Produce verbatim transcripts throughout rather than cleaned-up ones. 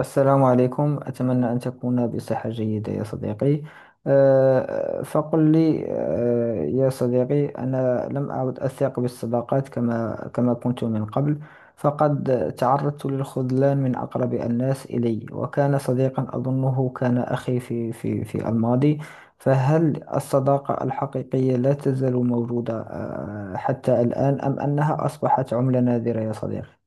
السلام عليكم، أتمنى أن تكون بصحة جيدة يا صديقي. أه، فقل لي أه، يا صديقي، أنا لم أعد أثق بالصداقات كما كما كنت من قبل. فقد تعرضت للخذلان من أقرب الناس إلي، وكان صديقا أظنه كان أخي في في في الماضي. فهل الصداقة الحقيقية لا تزال موجودة أه، حتى الآن، أم أنها أصبحت عملة نادرة يا صديقي؟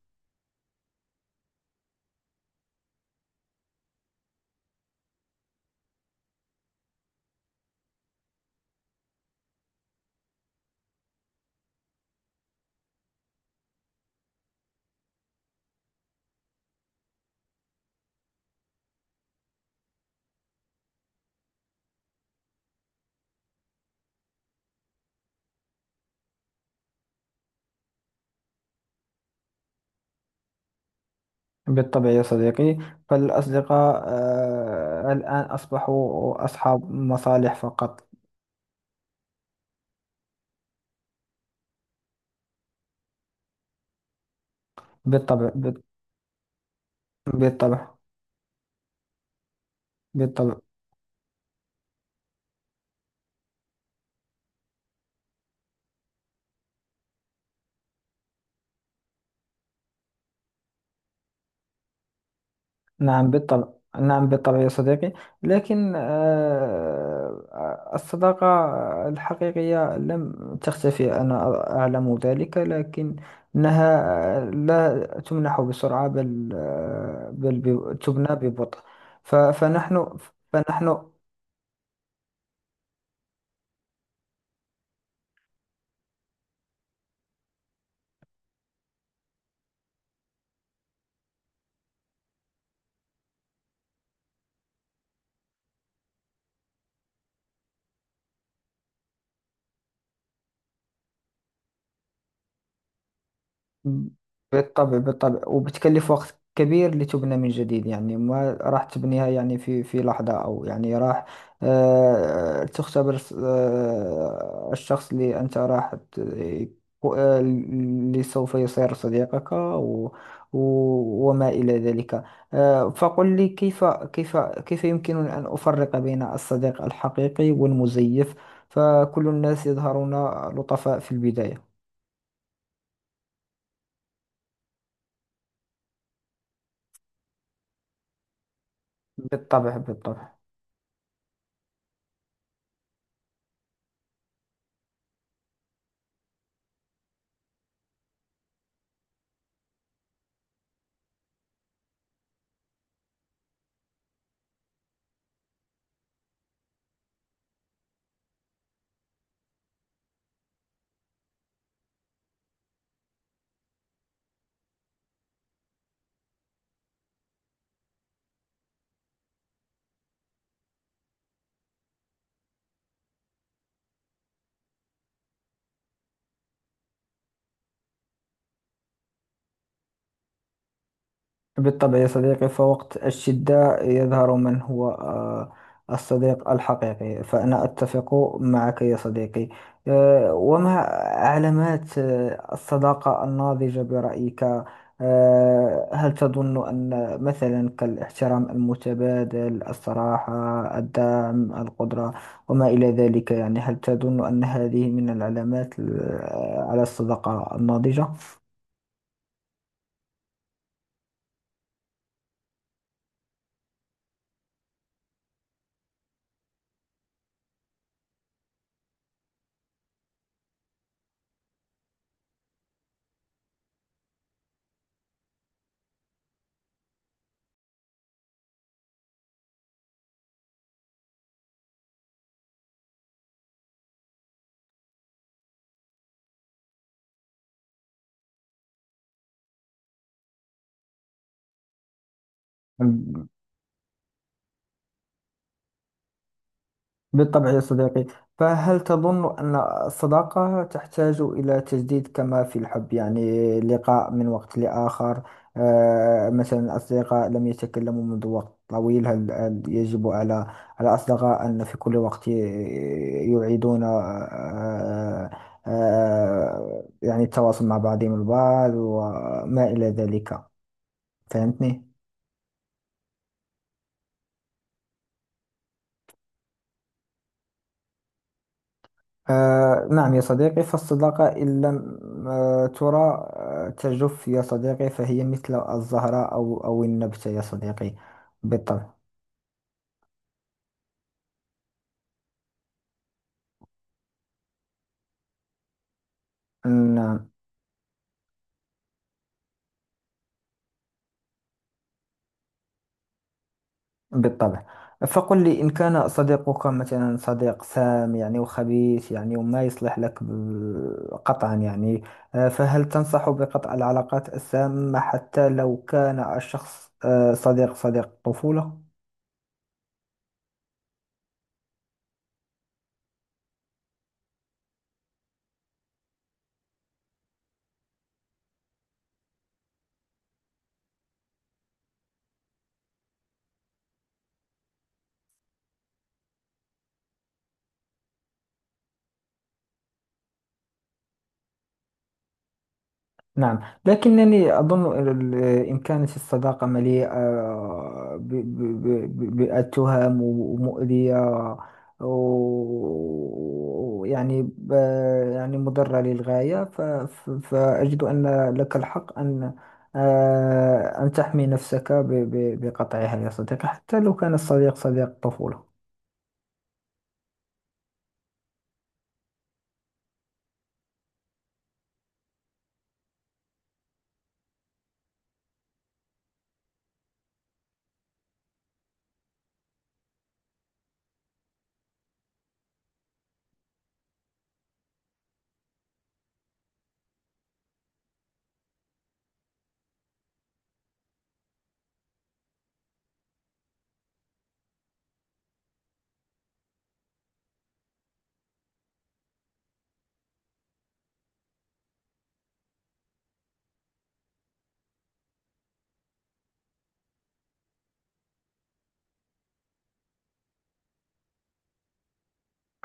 بالطبع يا صديقي، فالأصدقاء آه، الآن أصبحوا أصحاب مصالح فقط. بالطبع بال- بالطبع. بالطبع. نعم بالطبع. نعم بالطبع يا صديقي. لكن آه، الصداقة الحقيقية لم تختفي، أنا أعلم ذلك، لكنها آه، لا تمنح بسرعة، بل آه، بل بي- تبنى ببطء. ف- فنحن. فنحن بالطبع. بالطبع، وبتكلف وقت كبير لتبنى من جديد، يعني ما راح تبنيها يعني في في لحظة، أو يعني راح آه، تختبر آه، الشخص اللي أنت راح ت- آه، اللي سوف يصير صديقك و و- وما إلى ذلك. آه، فقل لي، كيف كيف كيف يمكنني أن أفرق بين الصديق الحقيقي والمزيف؟ فكل الناس يظهرون لطفاء في البداية. بالطبع. بالطبع. بالطبع يا صديقي، فوقت الشدة يظهر من هو آه، الصديق الحقيقي، فأنا أتفق معك يا صديقي. آه، وما علامات آه، الصداقة الناضجة برأيك؟ آه، هل تظن أن مثلا كالاحترام المتبادل، الصراحة، الدعم، القدرة، وما إلى ذلك، يعني هل تظن أن هذه من العلامات آه، على الصداقة الناضجة؟ بالطبع يا صديقي. فهل تظن أن الصداقة تحتاج إلى تجديد كما في الحب؟ يعني لقاء من وقت لآخر، آه، مثلا الأصدقاء لم يتكلموا منذ وقت طويل، هل هل يجب على على الأصدقاء أن في كل وقت ي- يعيدون آه، آه، يعني التواصل مع بعضهم البعض وما إلى ذلك، فهمتني؟ آه نعم يا صديقي، فالصداقة إن لم آه ترى آه تجف يا صديقي، فهي مثل الزهرة أو أو النبتة يا صديقي. بالطبع. نعم. بالطبع. فقل لي، إن كان صديقك مثلا صديق سام يعني وخبيث، يعني وما يصلح لك ب- قطعا، يعني آه فهل تنصح بقطع العلاقات السامة حتى لو كان الشخص آه صديق صديق طفولة؟ نعم، لكنني أظن ال- ال- إن كانت الصداقة مليئة ب- ب- ب- بالتهم ومؤذية، ويعني ب- يعني مضرة للغاية، ف- ف- فأجد أن لك الحق أن آه، أن تحمي نفسك ب- ب- بقطعها يا صديقي، حتى لو كان الصديق صديق طفولة.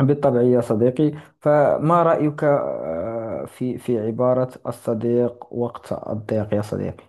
بالطبع يا صديقي. فما رأيك آه، في في عبارة الصديق وقت الضيق يا صديقي؟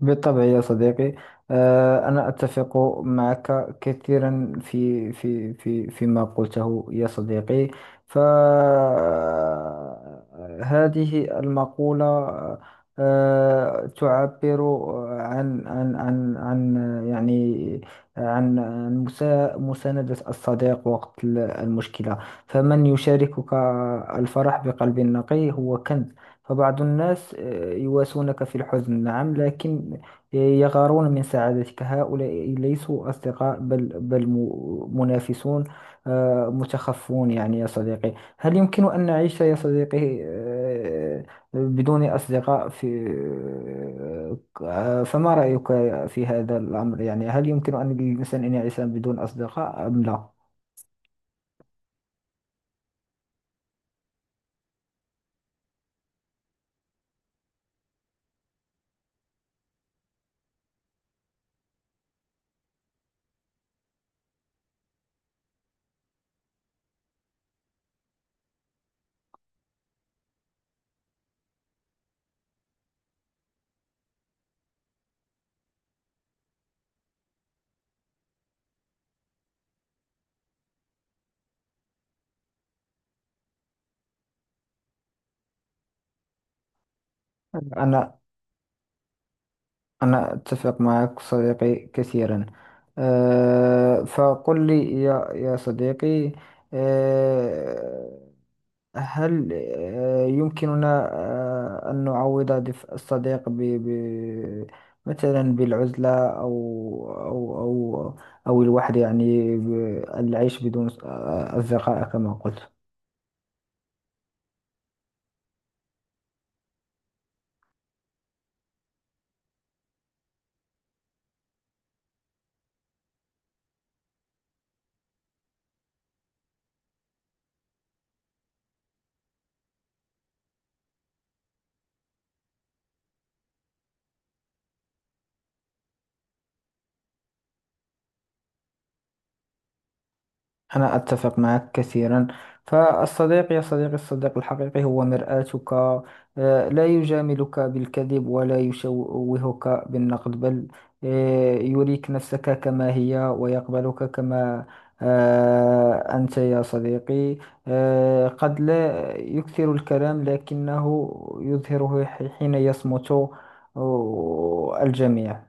بالطبع يا صديقي. آه، أنا أتفق معك كثيرا في في في فيما قلته يا صديقي. فهذه المقولة آه، تعبر عن عن عن عن يعني عن عن مسا- مساندة الصديق وقت المشكلة. فمن يشاركك الفرح بقلب نقي هو كنز. فبعض الناس آه، يواسونك في الحزن، نعم، لكن آه، يغارون من سعادتك، هؤلاء ليسوا أصدقاء، بل بل م- منافسون آه، متخفون، يعني يا صديقي، هل يمكن أن نعيش يا صديقي آه، بدون أصدقاء في آه، فما رأيك في هذا الأمر؟ يعني هل يمكن أن للإنسان أن يعيش بدون أصدقاء أم لا؟ أنا أنا أتفق معك صديقي كثيرا. أه فقل لي يا يا صديقي، أه هل أه يمكننا أه أن نعوض دفء الصديق ب ب مثلا بالعزلة، أو أو أو أو الوحدة، يعني ب- العيش بدون أص- أصدقاء كما قلت. أنا أتفق معك كثيرا. فالصديق يا صديقي، الصديق الحقيقي هو مرآتك، آه، لا يجاملك بالكذب، ولا يشوهك بالنقد، بل آه، يريك نفسك كما هي، ويقبلك كما آه، أنت يا صديقي. آه، قد لا يكثر الكلام، لكنه يظهره حين يصمت آه، الجميع.